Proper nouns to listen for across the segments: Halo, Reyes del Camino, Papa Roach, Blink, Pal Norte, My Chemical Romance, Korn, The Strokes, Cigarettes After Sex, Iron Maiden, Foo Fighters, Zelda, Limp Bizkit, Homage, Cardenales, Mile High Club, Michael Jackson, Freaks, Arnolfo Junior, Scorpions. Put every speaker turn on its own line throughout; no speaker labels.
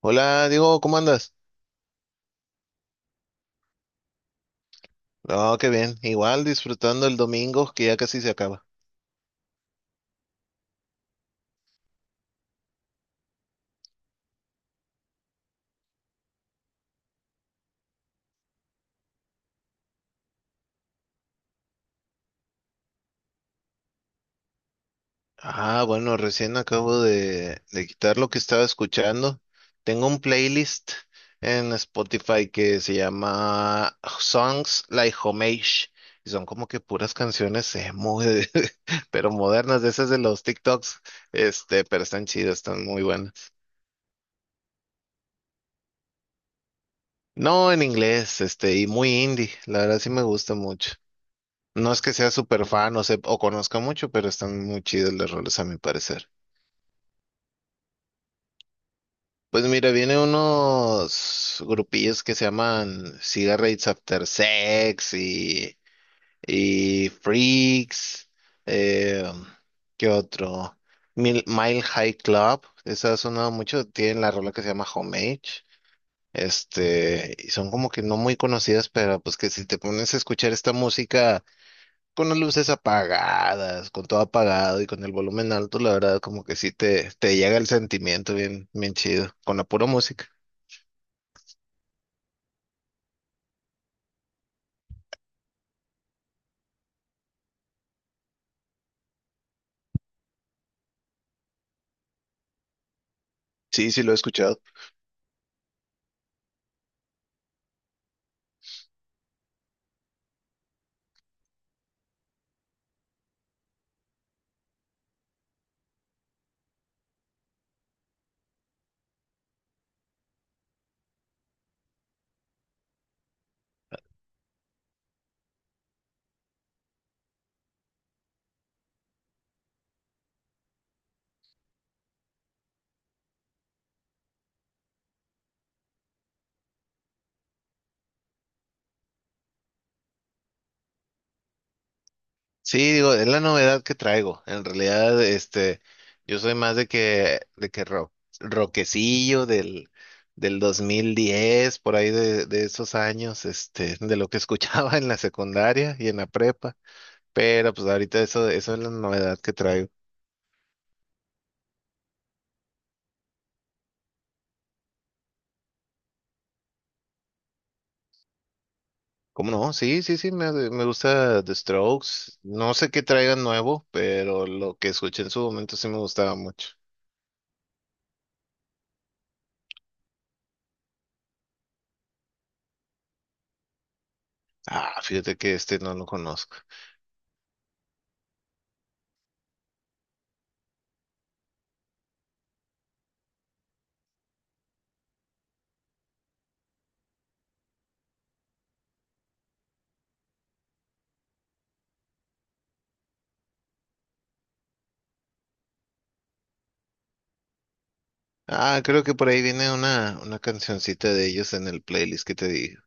Hola, Diego, ¿cómo andas? No, qué bien. Igual disfrutando el domingo que ya casi se acaba. Ah, bueno, recién acabo de quitar lo que estaba escuchando. Tengo un playlist en Spotify que se llama Songs Like Homage. Y son como que puras canciones pero modernas, de esas de los TikToks. Pero están chidas, están muy buenas. No, en inglés, y muy indie. La verdad sí me gusta mucho. No es que sea súper fan o o conozca mucho, pero están muy chidos los roles a mi parecer. Pues mira, vienen unos grupillos que se llaman Cigarettes After Sex y Freaks. eh, ¿Qué otro? Mile High Club. Esa ha sonado mucho. Tienen la rola que se llama Homage. Y son como que no muy conocidas, pero pues que si te pones a escuchar esta música con las luces apagadas, con todo apagado y con el volumen alto, la verdad, como que sí te llega el sentimiento bien, bien chido, con la pura música. Sí, sí lo he escuchado. Sí, digo, es la novedad que traigo. En realidad, yo soy más de que rock, rockecillo del 2010, por ahí de esos años, de lo que escuchaba en la secundaria y en la prepa. Pero pues ahorita eso es la novedad que traigo. ¿Cómo no? Sí, sí, sí, me gusta The Strokes. No sé qué traigan nuevo, pero lo que escuché en su momento sí me gustaba mucho. Ah, fíjate que este no lo conozco. Ah, creo que por ahí viene una cancioncita de ellos en el playlist que te digo.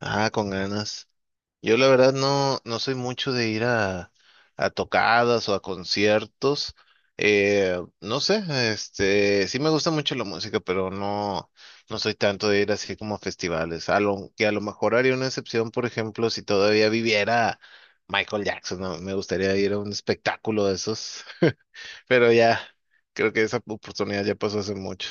Ah, con ganas. Yo la verdad no, no soy mucho de ir a tocadas o a conciertos. No sé, sí me gusta mucho la música, pero no, no soy tanto de ir así como a festivales. A lo mejor haría una excepción, por ejemplo, si todavía viviera Michael Jackson, ¿no? Me gustaría ir a un espectáculo de esos, pero ya, creo que esa oportunidad ya pasó hace mucho.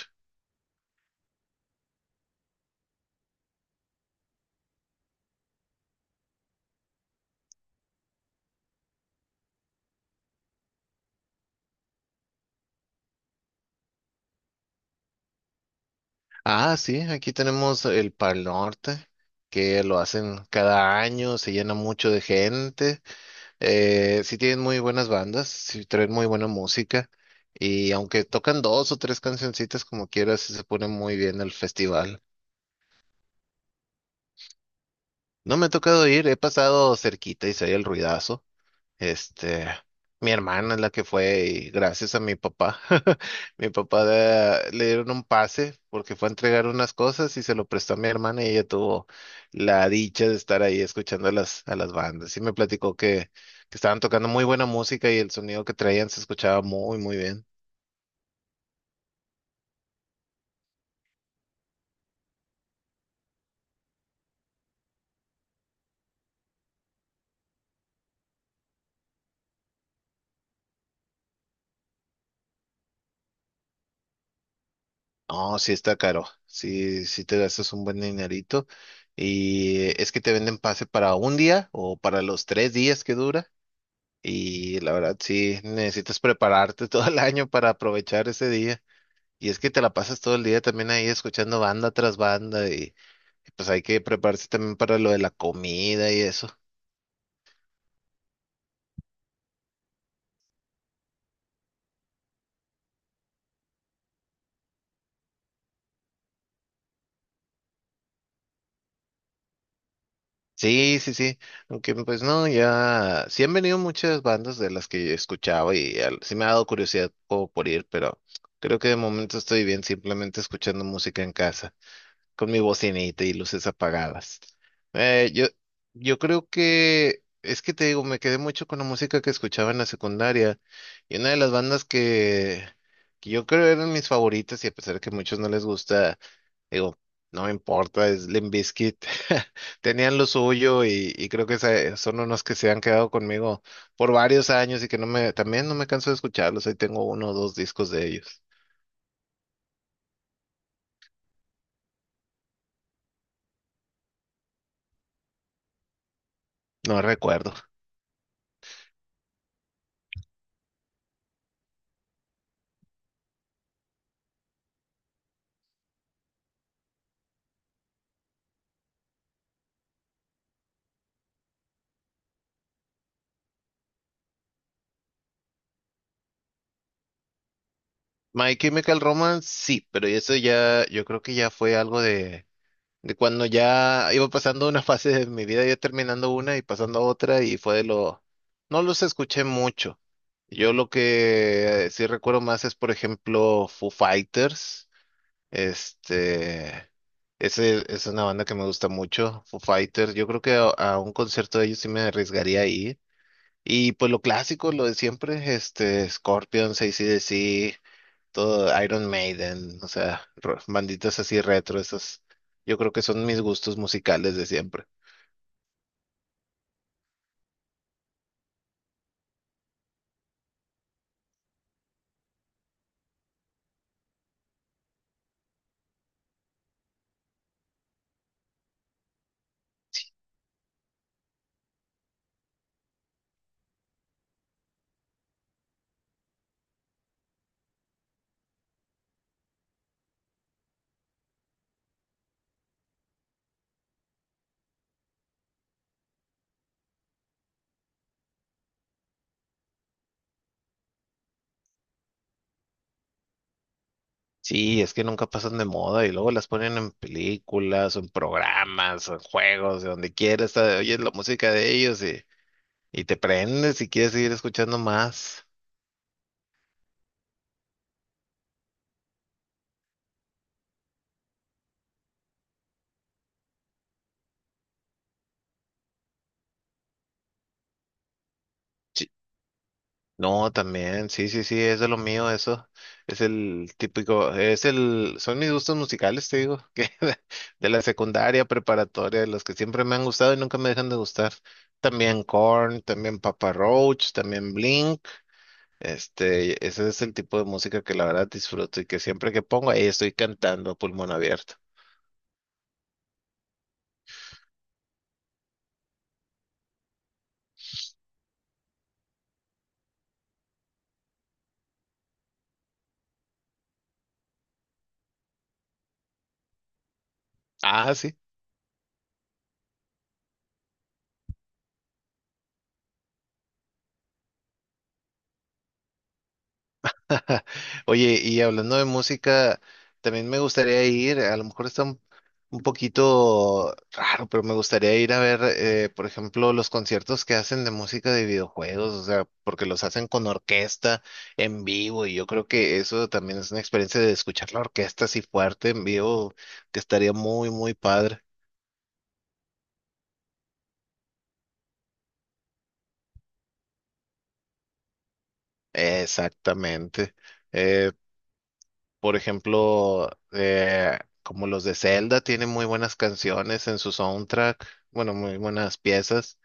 Ah, sí, aquí tenemos el Pal Norte, que lo hacen cada año, se llena mucho de gente. Sí tienen muy buenas bandas, sí traen muy buena música. Y aunque tocan dos o tres cancioncitas como quieras, sí se pone muy bien el festival. No me ha tocado ir, he pasado cerquita y se oye el ruidazo. Este, Mi hermana es la que fue y gracias a mi papá, le dieron un pase porque fue a entregar unas cosas y se lo prestó a mi hermana y ella tuvo la dicha de estar ahí escuchando a las bandas. Y me platicó que estaban tocando muy buena música y el sonido que traían se escuchaba muy, muy bien. No, sí está caro, sí, sí te gastas un buen dinerito y es que te venden pase para un día o para los tres días que dura. Y la verdad, sí, necesitas prepararte todo el año para aprovechar ese día. Y es que te la pasas todo el día también ahí escuchando banda tras banda y pues hay que prepararse también para lo de la comida y eso. Sí, sí, sí. Aunque pues no, ya sí han venido muchas bandas de las que sí me ha dado curiosidad como por ir, pero creo que de momento estoy bien simplemente escuchando música en casa con mi bocinita y luces apagadas. Eh, yo, yo creo que, es que te digo, me quedé mucho con la música que escuchaba en la secundaria y una de las bandas que yo creo eran mis favoritas y a pesar de que a muchos no les gusta, digo, no me importa, es Limp Bizkit. Tenían lo suyo y creo que son unos que se han quedado conmigo por varios años y que no me canso de escucharlos. Ahí tengo uno o dos discos de ellos. No recuerdo. My Chemical Romance, sí, pero eso ya, yo creo que ya fue algo de cuando ya iba pasando una fase de mi vida, ya terminando una y pasando a otra, y fue no los escuché mucho. Yo lo que sí recuerdo más es, por ejemplo, Foo Fighters, este, ese es una banda que me gusta mucho, Foo Fighters, yo creo que a un concierto de ellos sí me arriesgaría a ir. Y pues lo clásico, lo de siempre, Scorpions, ac todo Iron Maiden, o sea, banditas así retro, esas, yo creo que son mis gustos musicales de siempre. Sí, es que nunca pasan de moda y luego las ponen en películas, o en programas, o en juegos, de donde quieras, ah, oyes la música de ellos y te prendes y quieres seguir escuchando más. Sí, no, también, sí, sí, sí, eso es de lo mío, eso. Es el típico, son mis gustos musicales, te digo, que de la secundaria, preparatoria, los que siempre me han gustado y nunca me dejan de gustar. También Korn, también Papa Roach, también Blink. Ese es el tipo de música que la verdad disfruto y que siempre que pongo ahí estoy cantando a pulmón abierto. Ah, sí. Ja, oye, y hablando de música, también me gustaría ir, a lo mejor está un poquito raro, pero me gustaría ir a ver, por ejemplo, los conciertos que hacen de música de videojuegos, o sea, porque los hacen con orquesta en vivo, y yo creo que eso también es una experiencia de escuchar la orquesta así fuerte en vivo, que estaría muy, muy padre. Exactamente. Eh, Por ejemplo, como los de Zelda tienen muy buenas canciones en su soundtrack, bueno, muy buenas piezas.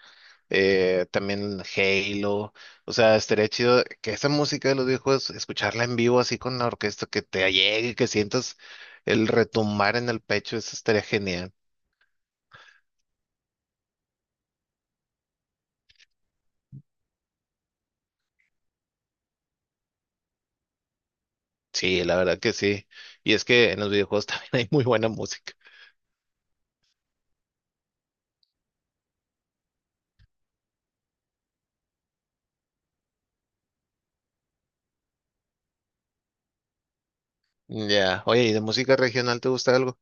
También Halo, o sea, estaría chido que esa música de los viejos, escucharla en vivo así con la orquesta, que te llegue, que sientas el retumbar en el pecho, eso estaría genial. Sí, la verdad que sí. Y es que en los videojuegos también hay muy buena música. Ya, oye, ¿y de música regional te gusta algo?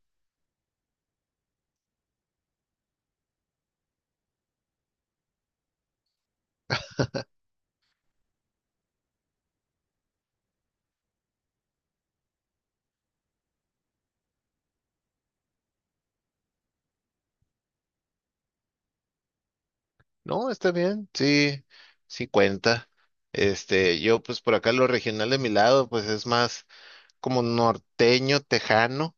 No, está bien, sí, sí cuenta. Yo pues por acá lo regional de mi lado, pues es más como norteño, tejano,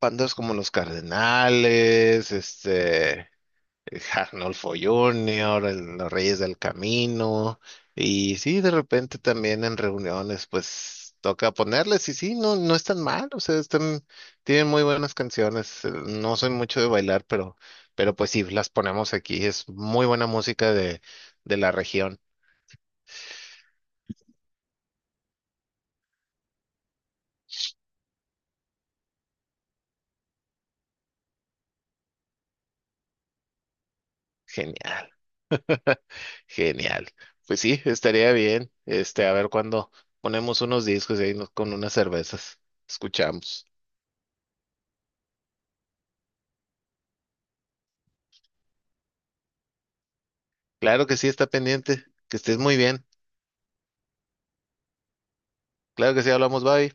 bandas como los Cardenales, este. Arnolfo Junior, los Reyes del Camino, y sí, de repente también en reuniones, pues toca ponerles, y sí, no, no están mal, o sea, están, tienen muy buenas canciones, no soy mucho de bailar, pero pues sí, las ponemos aquí, es muy buena música de la región, genial, genial, pues sí, estaría bien, a ver cuándo ponemos unos discos y con unas cervezas, escuchamos, claro que sí, está pendiente, que estés muy bien. Claro que sí, hablamos, bye.